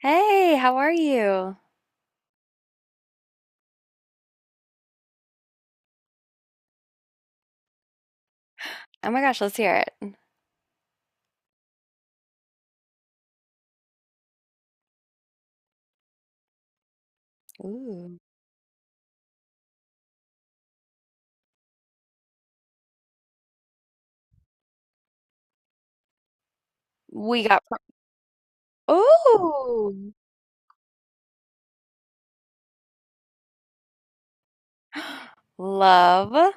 Hey, how are you? Oh my gosh, let's hear it. Ooh. We got pro- Ooh. Love.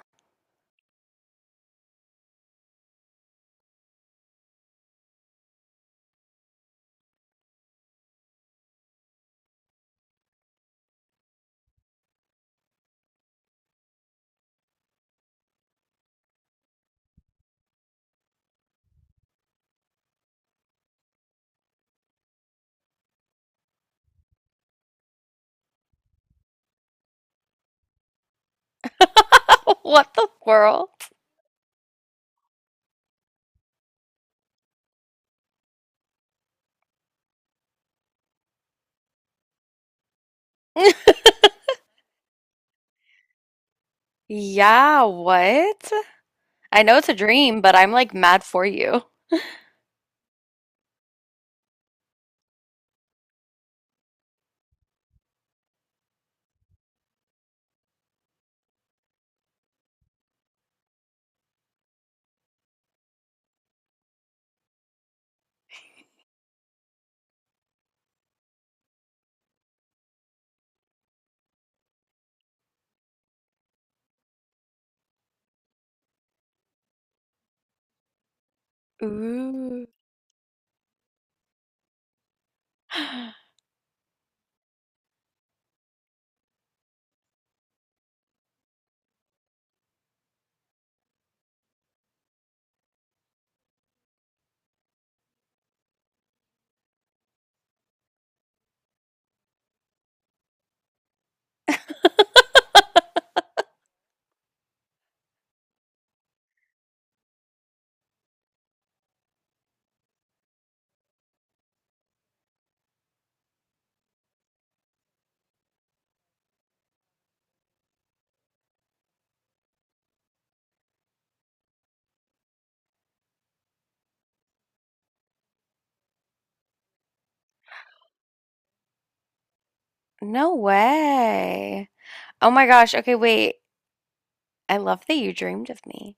What the world? Yeah, what? I know it's a dream, but I'm like mad for you. Ooh. No way. Oh my gosh. Okay, wait. I love that you dreamed of me.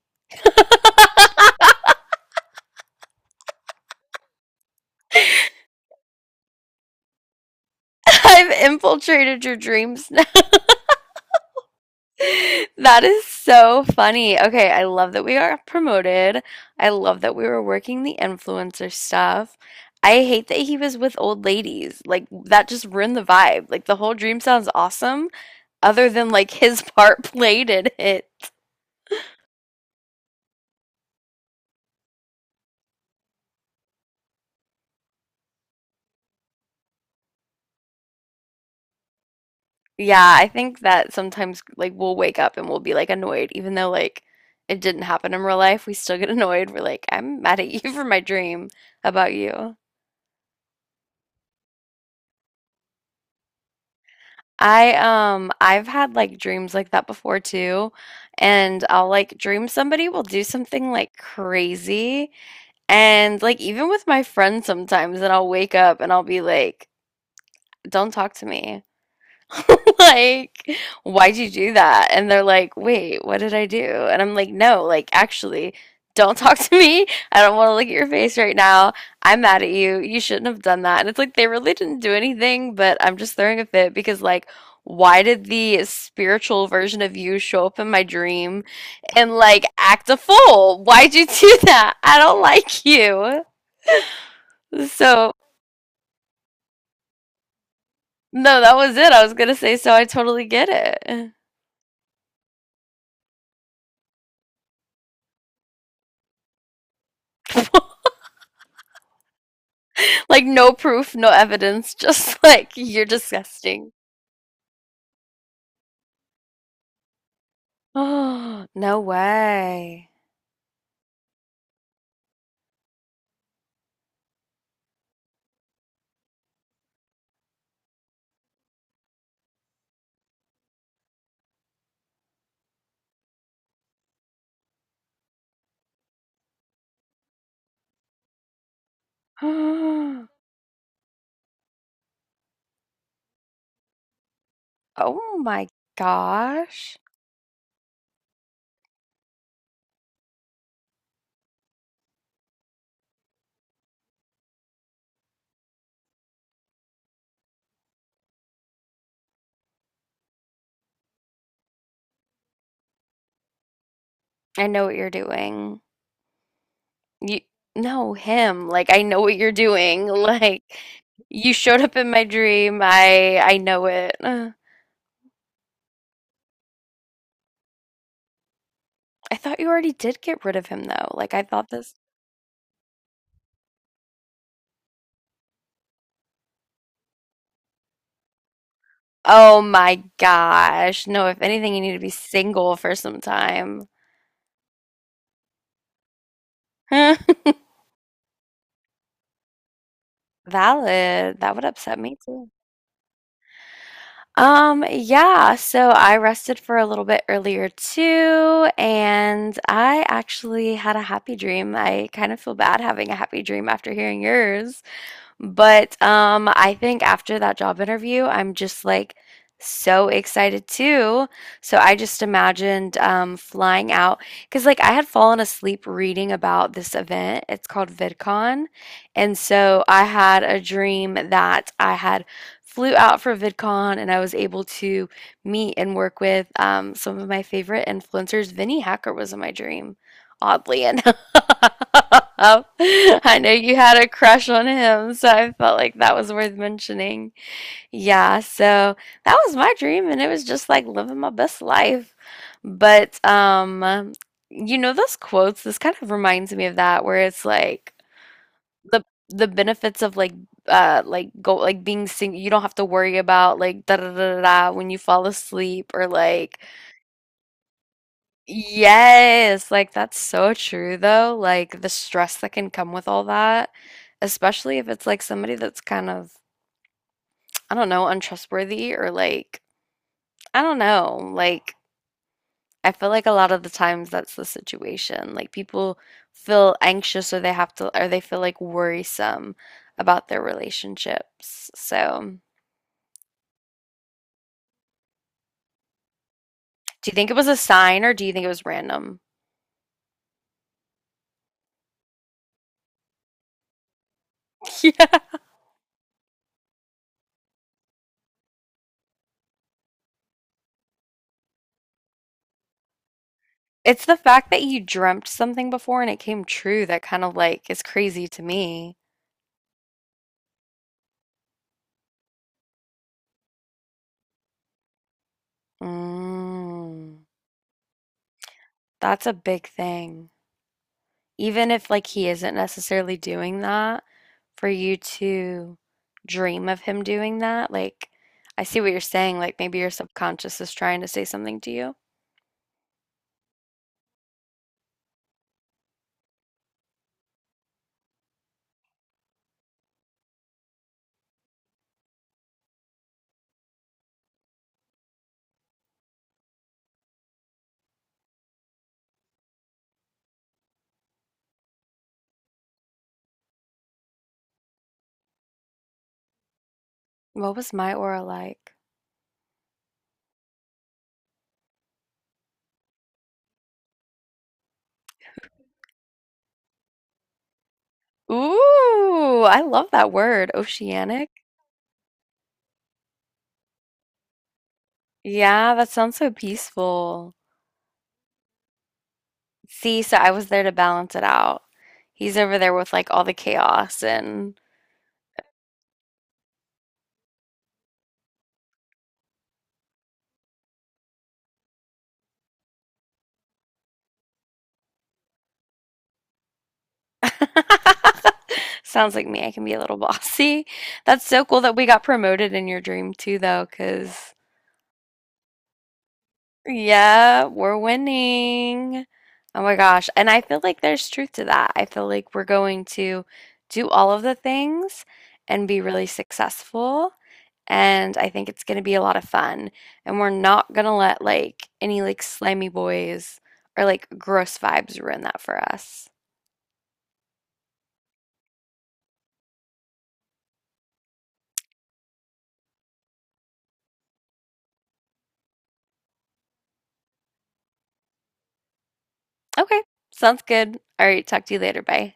I've infiltrated your dreams. That is so funny. Okay, I love that we are promoted. I love that we were working the influencer stuff. I hate that he was with old ladies. Like, that just ruined the vibe. Like, the whole dream sounds awesome, other than like his part played in it. Yeah, I think that sometimes like we'll wake up and we'll be like annoyed, even though like it didn't happen in real life. We still get annoyed. We're like, I'm mad at you for my dream about you? I I've had like dreams like that before too. And I'll like dream somebody will do something like crazy, and like even with my friends sometimes, and I'll wake up and I'll be like, don't talk to me. Like, why'd you do that? And they're like, wait, what did I do? And I'm like, no, like, actually, don't talk to me. I don't want to look at your face right now. I'm mad at you. You shouldn't have done that. And it's like, they really didn't do anything, but I'm just throwing a fit because, like, why did the spiritual version of you show up in my dream and, like, act a fool? Why'd you do that? I don't like you. So, no, that was it. I was gonna say, so I totally get it. Like no proof, no evidence, just like you're disgusting. Oh, no way. Oh my gosh. I know what you're doing. You no, him. Like I know what you're doing. Like you showed up in my dream. I know it. Ugh. I thought you already did get rid of him though. Like I thought this. Oh my gosh. No, if anything, you need to be single for some time. Valid. That would upset me too. Yeah, so I rested for a little bit earlier too, and I actually had a happy dream. I kind of feel bad having a happy dream after hearing yours. But I think after that job interview, I'm just like so excited too. So I just imagined flying out, because like I had fallen asleep reading about this event. It's called VidCon. And so I had a dream that I had flew out for VidCon and I was able to meet and work with some of my favorite influencers. Vinnie Hacker was in my dream, oddly enough. I know you had a crush on him, so I felt like that was worth mentioning. Yeah, so that was my dream, and it was just like living my best life. But you know, those quotes, this kind of reminds me of that, where it's like the the benefits of like go like being sing, you don't have to worry about like da da da da da when you fall asleep or like yes, like that's so true though. Like the stress that can come with all that, especially if it's like somebody that's kind of, I don't know, untrustworthy or like, I don't know. Like, I feel like a lot of the times that's the situation. Like people feel anxious or they have to, or they feel like worrisome about their relationships. So, do you think it was a sign or do you think it was random? It's the fact that you dreamt something before and it came true that kind of like is crazy to me. Mm, that's a big thing. Even if like he isn't necessarily doing that, for you to dream of him doing that, like I see what you're saying. Like maybe your subconscious is trying to say something to you. What was my aura like? Ooh, I love that word, oceanic. Yeah, that sounds so peaceful. See, so I was there to balance it out. He's over there with like all the chaos, and sounds like me. I can be a little bossy. That's so cool that we got promoted in your dream too, though, because yeah, we're winning. Oh my gosh. And I feel like there's truth to that. I feel like we're going to do all of the things and be really successful, and I think it's going to be a lot of fun. And we're not going to let like any like slimy boys or like gross vibes ruin that for us. Okay, sounds good. All right, talk to you later. Bye.